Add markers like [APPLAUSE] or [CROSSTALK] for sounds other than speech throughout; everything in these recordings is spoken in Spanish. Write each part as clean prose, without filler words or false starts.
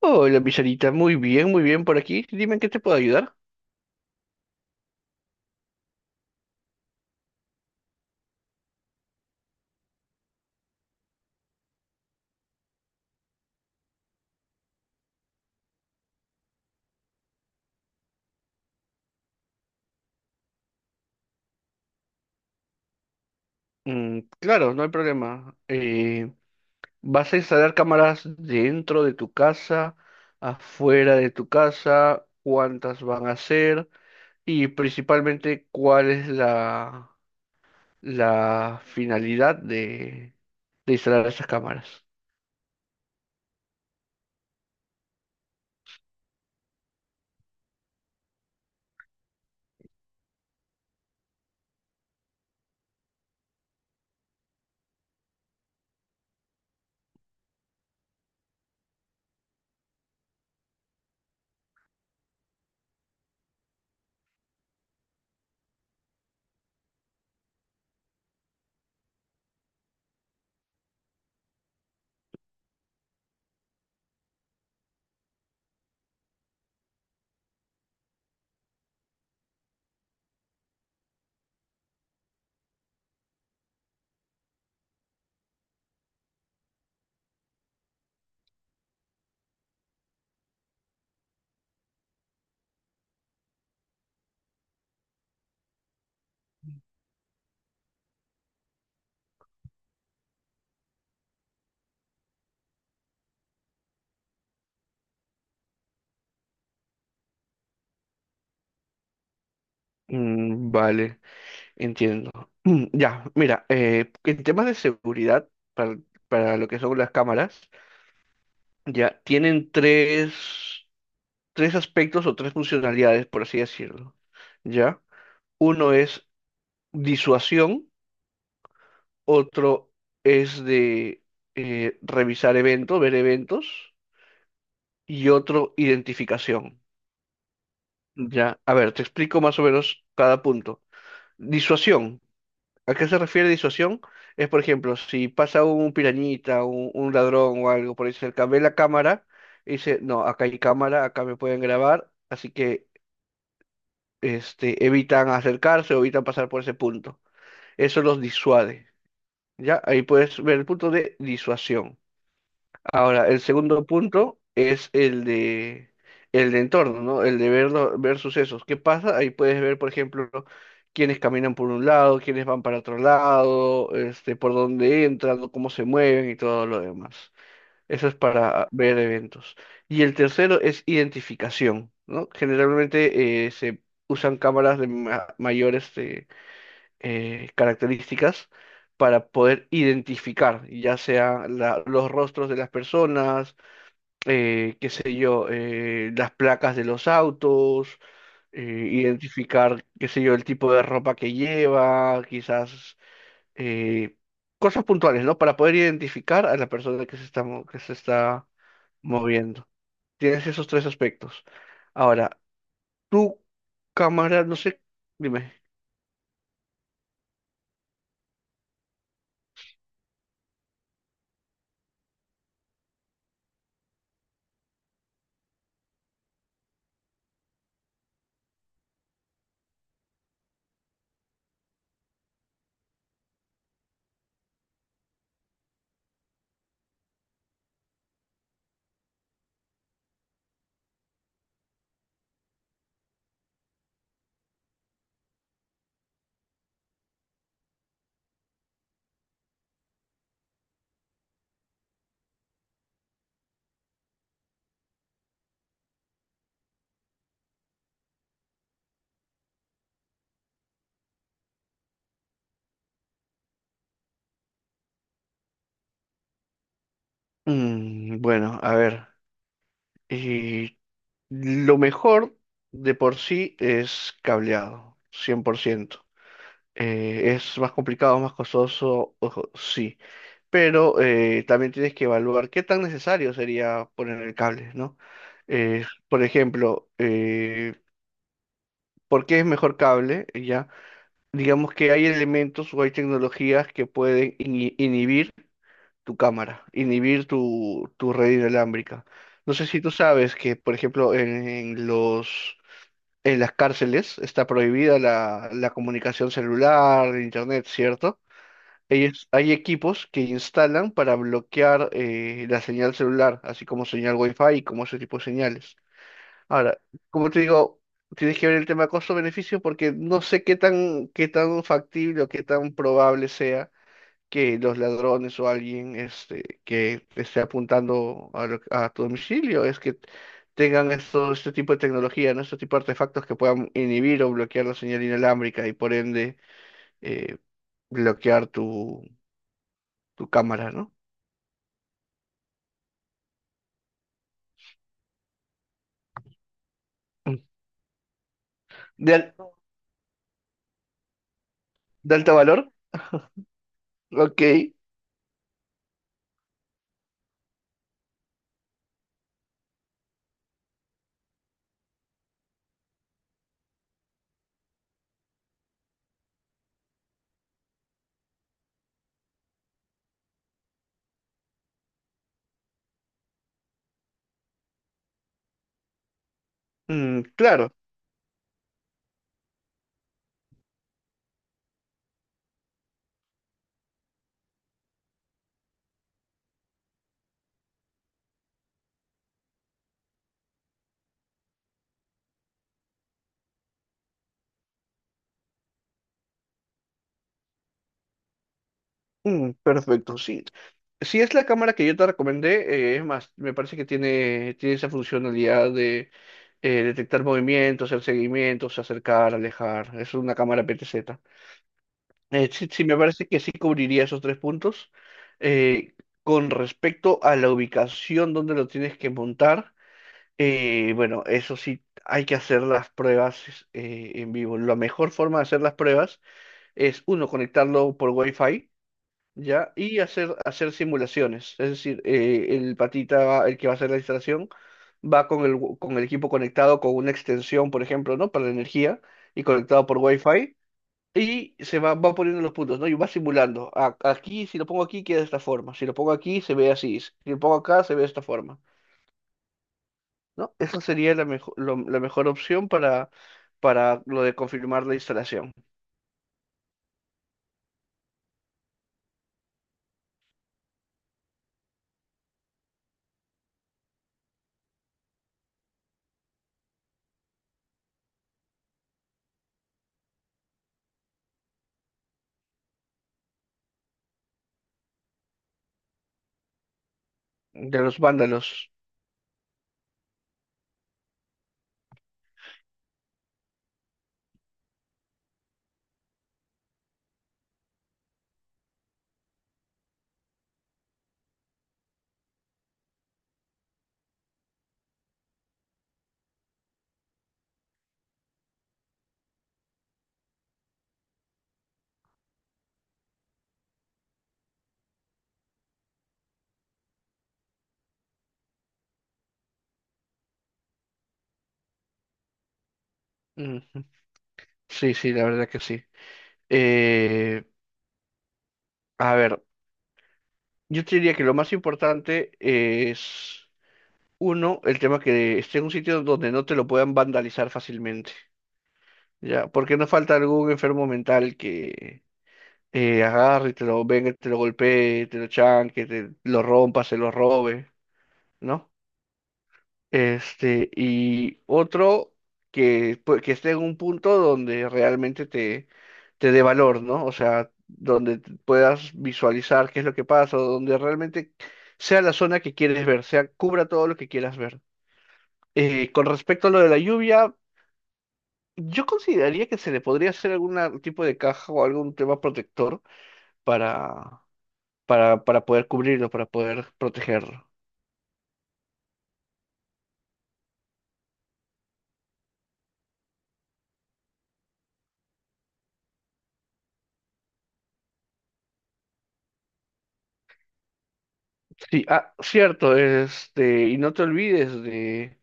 Hola, Pizarita, muy bien por aquí. Dime en qué te puedo ayudar. Mm, claro, no hay problema. ¿Vas a instalar cámaras dentro de tu casa, afuera de tu casa? ¿Cuántas van a ser? Y principalmente, ¿cuál es la finalidad de instalar esas cámaras? Mm, vale. Entiendo. [CLEARS THROAT] Ya, mira, en temas de seguridad, para, para lo que son las cámaras, ya tienen tres aspectos o tres funcionalidades, por así decirlo. ¿Ya? Uno es disuasión, otro es de revisar eventos, ver eventos, y otro identificación. ¿Ya? A ver, te explico más o menos cada punto. Disuasión. ¿A qué se refiere disuasión? Es, por ejemplo, si pasa un pirañita, un ladrón o algo por ahí cerca, ve la cámara y dice, no, acá hay cámara, acá me pueden grabar, así que evitan acercarse o evitan pasar por ese punto. Eso los disuade, ¿ya? Ahí puedes ver el punto de disuasión. Ahora, el segundo punto es el de entorno, ¿no? El de ver, ver sucesos. ¿Qué pasa? Ahí puedes ver, por ejemplo, quiénes caminan por un lado, quiénes van para otro lado, por dónde entran, o cómo se mueven y todo lo demás. Eso es para ver eventos. Y el tercero es identificación, ¿no? Generalmente se usan cámaras de mayor características para poder identificar, ya sea los rostros de las personas, qué sé yo, las placas de los autos, eh, identificar, qué sé yo, el tipo de ropa que lleva, quizás eh, cosas puntuales, ¿no? Para poder identificar a la persona que se está moviendo. Tienes esos tres aspectos. Ahora, tu cámara, no sé, dime. Mm, bueno, a ver. eh, lo mejor de por sí es cableado, cien por ciento. Es más complicado, más costoso, ojo, sí, pero también tienes que evaluar qué tan necesario sería poner el cable, ¿no? Por ejemplo, ¿por qué es mejor cable? Ya, digamos que hay elementos o hay tecnologías que pueden inhibir tu cámara, inhibir tu red inalámbrica. No sé si tú sabes que, por ejemplo, en las cárceles está prohibida la comunicación celular, internet, ¿cierto? Ellos, hay equipos que instalan para bloquear la señal celular, así como señal Wi-Fi y como ese tipo de señales. Ahora, como te digo, tienes que ver el tema costo-beneficio porque no sé qué tan, factible o qué tan probable sea que los ladrones o alguien que te esté apuntando a tu domicilio es que tengan este tipo de tecnología, ¿no? Este tipo de artefactos que puedan inhibir o bloquear la señal inalámbrica y por ende eh, bloquear tu cámara, ¿no? De, al- de alto valor. Ok. Mm, claro. Mm, perfecto. Sí. Si es la cámara que yo te recomendé, es más, me parece que tiene esa funcionalidad de detectar movimientos, hacer seguimientos, acercar, alejar. Es una cámara PTZ. Sí, sí, me parece que sí cubriría esos tres puntos. Eh, con respecto a la ubicación donde lo tienes que montar, bueno, eso sí, hay que hacer las pruebas en vivo. La mejor forma de hacer las pruebas es uno, conectarlo por Wi-Fi, ¿ya? Y hacer simulaciones. Es decir, el patita, el que va a hacer la instalación, va con con el equipo conectado con una extensión, por ejemplo, ¿no? Para la energía y conectado por Wi-Fi. Y se va poniendo los puntos, ¿no? Y va simulando. Aquí, si lo pongo aquí, queda de esta forma. Si lo pongo aquí, se ve así. Si lo pongo acá, se ve de esta forma. ¿No? Esa sería la mejor opción para lo de confirmar la instalación de los vándalos. Sí, sí, la verdad que sí. Eh, a ver, yo te diría que lo más importante es, uno, el tema que esté en un sitio donde no te lo puedan vandalizar fácilmente, ¿ya? Porque no falta algún enfermo mental que agarre y te lo venga, te lo golpee, te lo chanque, te lo rompa, se lo robe, ¿no? Y otro que esté en un punto donde realmente te dé valor, ¿no? O sea, donde puedas visualizar qué es lo que pasa, o donde realmente sea la zona que quieres ver, cubra todo lo que quieras ver. Con respecto a lo de la lluvia, yo consideraría que se le podría hacer algún tipo de caja o algún tema protector para, para poder cubrirlo, para poder protegerlo. Sí, ah, cierto, y no te olvides de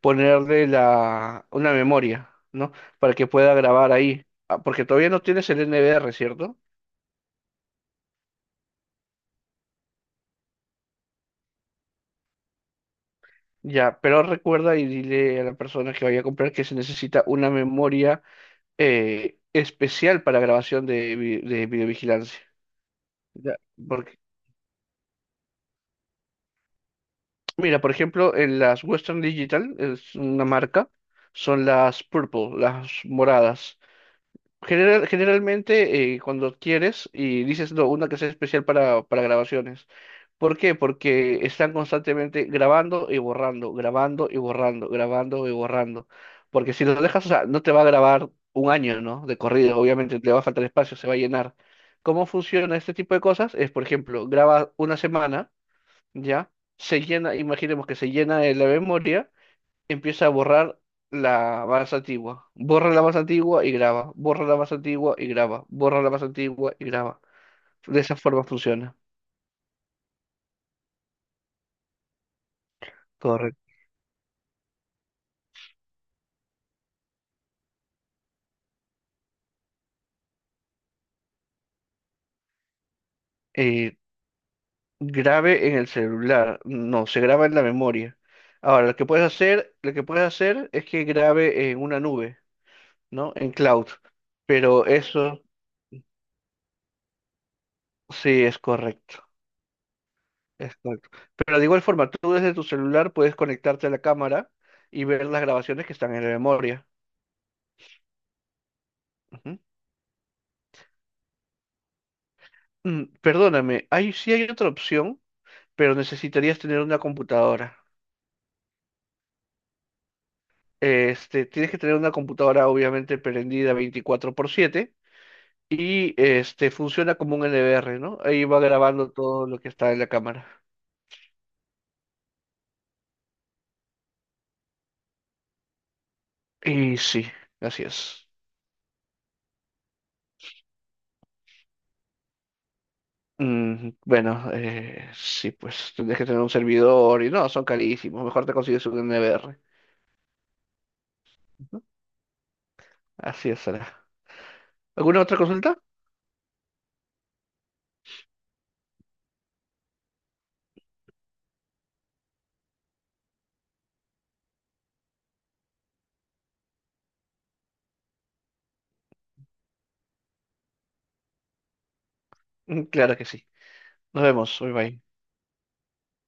ponerle una memoria, ¿no? Para que pueda grabar ahí. Ah, porque todavía no tienes el NVR, ¿cierto? Ya, pero recuerda y dile a la persona que vaya a comprar que se necesita una memoria especial para grabación de videovigilancia. Ya, porque, mira, por ejemplo, en las Western Digital, es una marca, son las purple, las moradas. Generalmente cuando adquieres y dices no, una que sea especial para grabaciones. ¿Por qué? Porque están constantemente grabando y borrando, grabando y borrando, grabando y borrando. Porque si lo dejas, o sea, no te va a grabar un año, ¿no? De corrido, obviamente te va a faltar espacio, se va a llenar. ¿Cómo funciona este tipo de cosas? Es, por ejemplo, graba una semana, ¿ya? Se llena, imaginemos que se llena la memoria empieza a borrar la más antigua. Borra la más antigua y graba. Borra la más antigua y graba. Borra la más antigua y graba. De esa forma funciona. Correcto. Eh, grabe en el celular. No, se graba en la memoria. Ahora, lo que puedes hacer, lo que puedes hacer es que grabe en una nube, ¿no? En cloud. Pero eso sí es correcto. Es correcto. Pero de igual forma, tú desde tu celular puedes conectarte a la cámara y ver las grabaciones que están en la memoria. Ujú. Mm, perdóname, sí hay otra opción, pero necesitarías tener una computadora. Tienes que tener una computadora obviamente prendida 24 por 7 y funciona como un NVR, ¿no? Ahí va grabando todo lo que está en la cámara. Y sí, así es. Mm, bueno, sí, pues tendrías que tener un servidor y no, son carísimos. Mejor te consigues un NVR. Así es, Sara. ¿Alguna otra consulta? Mm, claro que sí. Nos vemos. Bye bye.